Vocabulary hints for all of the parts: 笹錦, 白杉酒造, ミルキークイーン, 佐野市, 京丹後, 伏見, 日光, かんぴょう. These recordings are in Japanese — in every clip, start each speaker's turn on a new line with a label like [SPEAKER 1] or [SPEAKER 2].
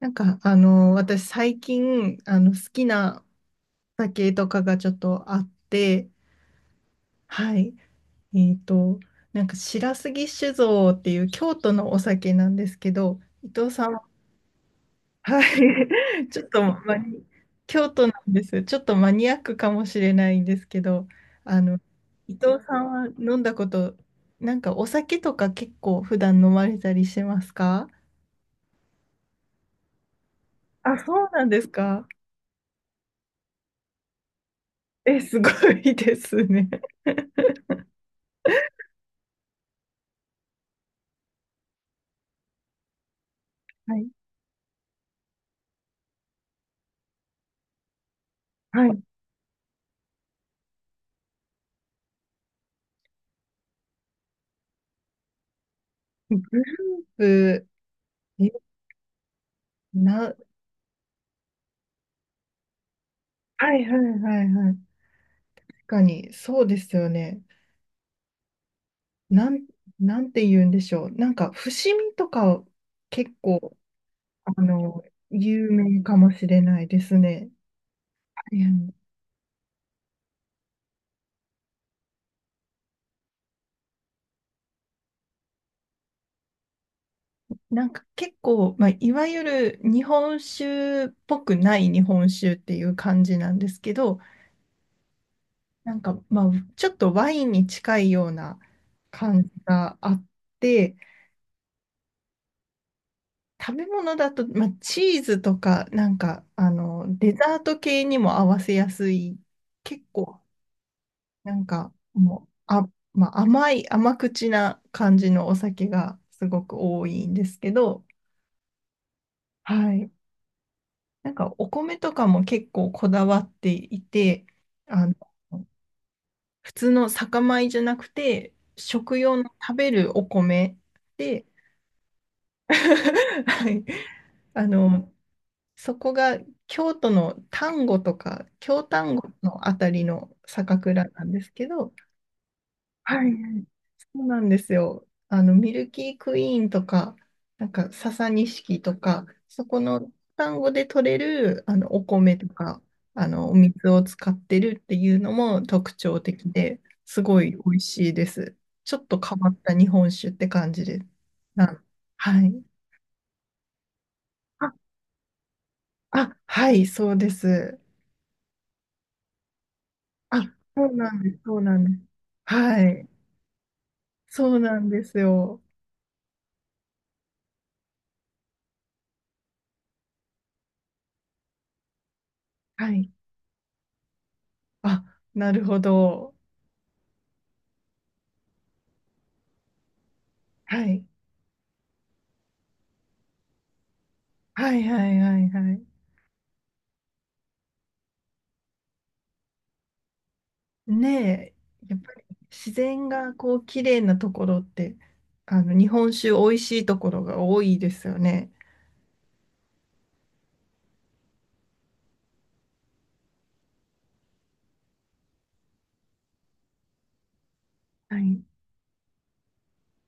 [SPEAKER 1] 私最近、好きな酒とかがちょっとあって、はい。えっと、白杉酒造っていう京都のお酒なんですけど、伊藤さん、はい。ちょっとマニ、京都なんです。ちょっとマニアックかもしれないんですけど、あの、伊藤さんは飲んだこと、なんかお酒とか結構普段飲まれたりしますか？あ、そうなんですか。え、すごいですね。はい。はいブえ、な、はいはいはいはい。確かに、そうですよね。なん、なんて言うんでしょう。なんか、伏見とか、結構、あの、有名かもしれないですね。いや、なんか結構、まあ、いわゆる日本酒っぽくない日本酒っていう感じなんですけど、なんか、まあ、ちょっとワインに近いような感じがあって、食べ物だと、まあ、チーズとか、なんか、デザート系にも合わせやすい、結構、なんか、もう、あ、まあ、甘口な感じのお酒がすごく多いんですけど、はい。なんか、お米とかも結構こだわっていて、あの、普通の酒米じゃなくて、食用の食べるお米で、はい。あの、そこが京都の丹後とか、京丹後のあたりの酒蔵なんですけど、はい。そうなんですよ。あの、ミルキークイーンとか、なんか、笹錦とか、そこのンゴで取れる、あの、お米とか、あの、お水を使ってるっていうのも特徴的で、すごい美味しいです。ちょっと変わった日本酒って感じです。なんはい。あ、あ、はい、そうです。あ、そうなんです、そうなんです。はい。そうなんですよ。はい。あ、なるほど。はい。はいはいはいはい。ね、え、やっぱり自然がこう綺麗なところって、日本酒美味しいところが多いですよね。はい。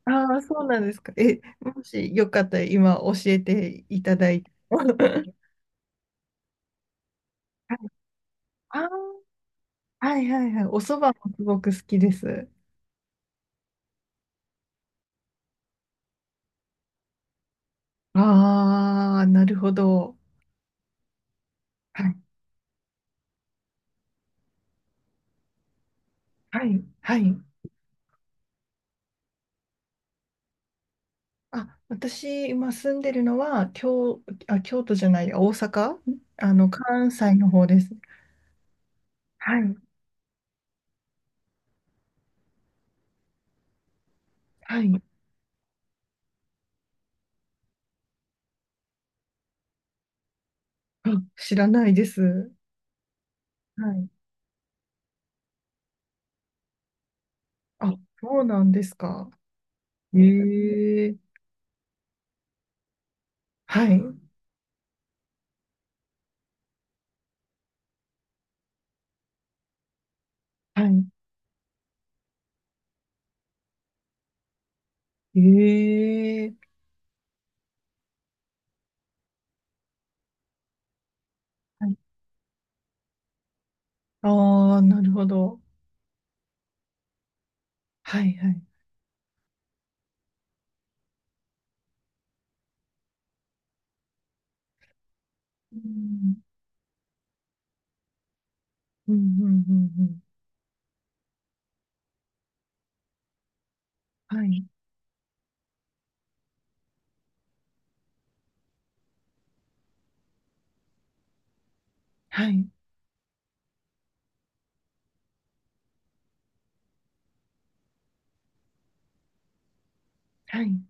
[SPEAKER 1] ああ、そうなんですか。え、もしよかったら今教えていただいても。はい、あー、はいはいはい。お蕎麦もすごく好きです。ああ、なるほど。はい、はい、はい。あ、私、今住んでるのは、京、あ、京都じゃない、大阪、あの、関西の方です。はい、はい。あ、知らないです。はい。あ、そうなんですか。ええ、はい、はい。ええ、はい。ああ、なるほど。はい、はい。うん、うん、うん、うん。うん、はい、はい、はい。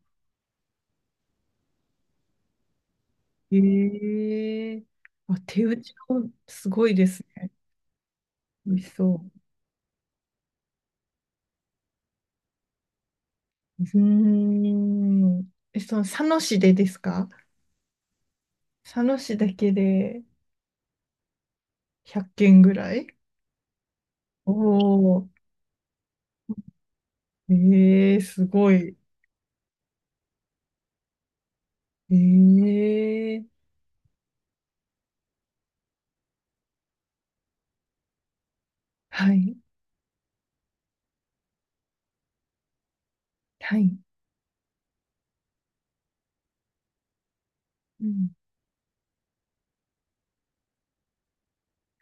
[SPEAKER 1] ええ、あ、手打ちもすごいですね。美味しそう。うーん。え、その佐野市でですか？佐野市だけで100件ぐらい？お、おー、えー、すごい。えー、はい、はい、うん、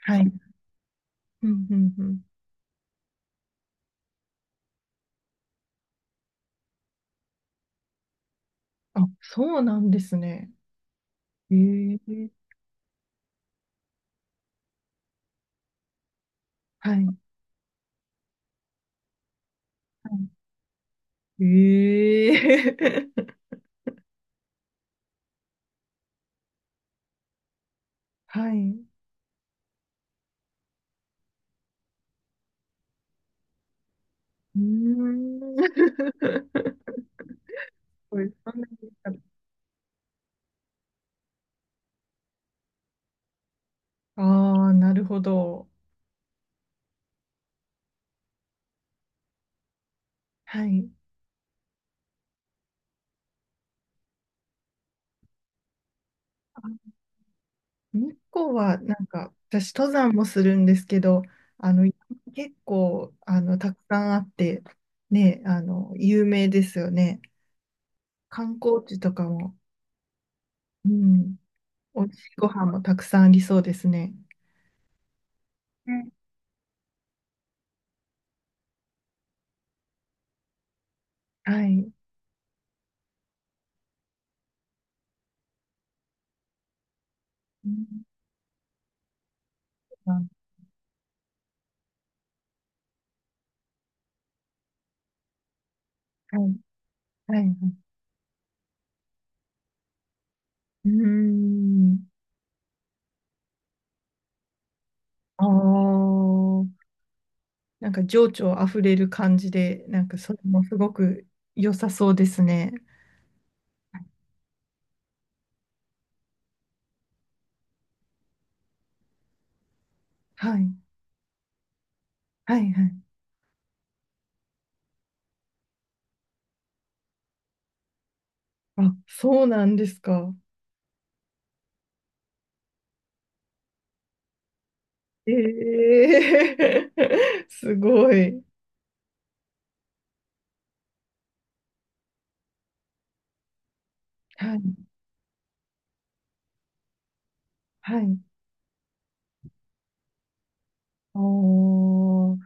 [SPEAKER 1] はい、うん、うん、うん。あ、そうなんですね。えー、はい、はい、えー、はい、うーん。これそんなにああー、なるほど。はい。日光はなんか私登山もするんですけど、あの結構たくさんあってね、あの有名ですよね。観光地とかも、うん、美味しいご飯もたくさんありそうですね。ね、はい。うん、はい。はいはい。うーん。ああ、なんか情緒あふれる感じで、なんかそれもすごく良さそうですね。はい。はいはい。あ、そうなんですか。ええ、 すごい。はい、はい。おー、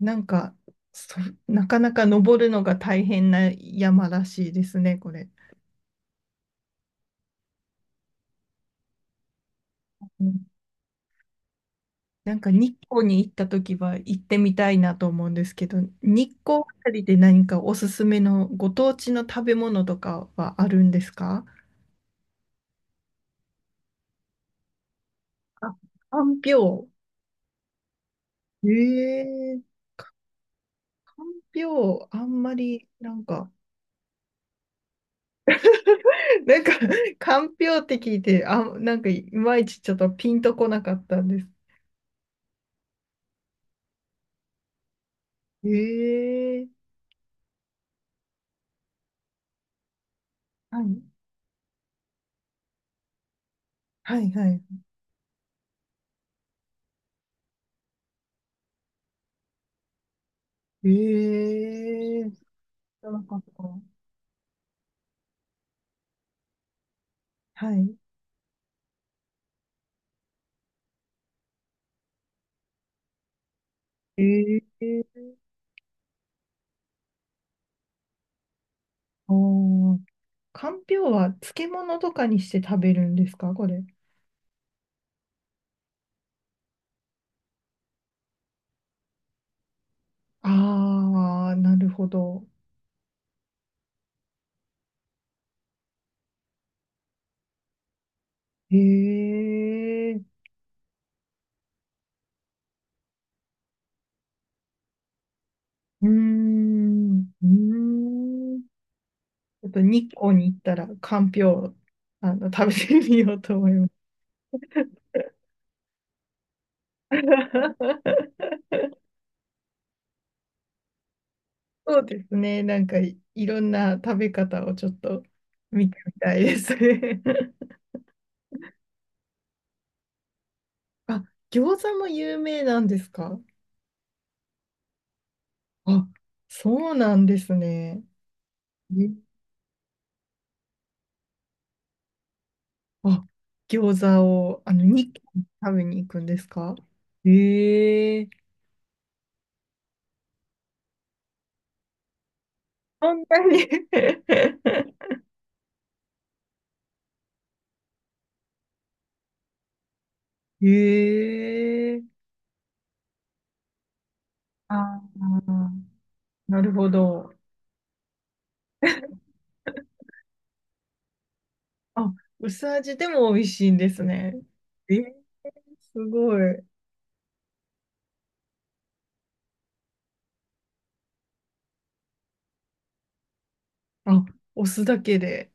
[SPEAKER 1] なんか、そ、なかなか登るのが大変な山らしいですね、これ。うん、なんか日光に行った時は行ってみたいなと思うんですけど、日光あたりで何かおすすめのご当地の食べ物とかはあるんですか？あ、かんぴょう。ええ、かんぴょう、あんまりなんか なんか、かんぴょうって聞いて、あ、なんかいまいちちょっとピンとこなかったんです。ええ、はい、はい、はい。ええ、知らなかった。はい。ええ、おー、かんぴょうは漬物とかにして食べるんですか、これ。ああ、なるほど。ええ、うーん、うーん。ちょっと日光に行ったら、かんぴょう、あの、食べてみようと思います。そうですね。いろんな食べ方をちょっと見てみたいですね。あ、餃子も有名なんですか？あ、そうなんですね。え、あ、餃子を、あの、に軒食べに行くんですか？ええ、そんなに？ ええ、ああ、なるほど。あ、薄味でも美味しいんですね。えー、すごい。あ、お酢だけで。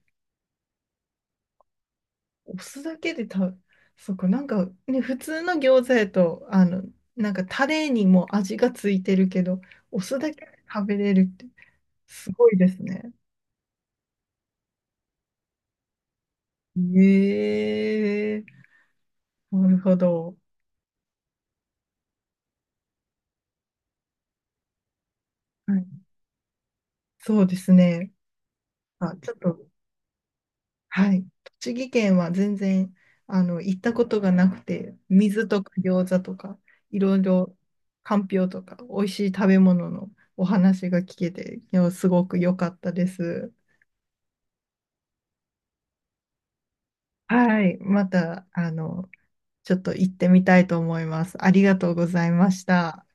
[SPEAKER 1] お酢だけで食べ、そっか、なんかね、普通の餃子やと、あの、なんかタレにも味がついてるけど、お酢だけで食べれるって、すごいですね。ええ、なるほど。はい、そうですね。あ、ちょっと、はい。栃木県は全然、あの、行ったことがなくて、水とか餃子とか、いろいろ、かんぴょうとか、美味しい食べ物のお話が聞けて、いやすごく良かったです。はい。また、あの、ちょっと行ってみたいと思います。ありがとうございました。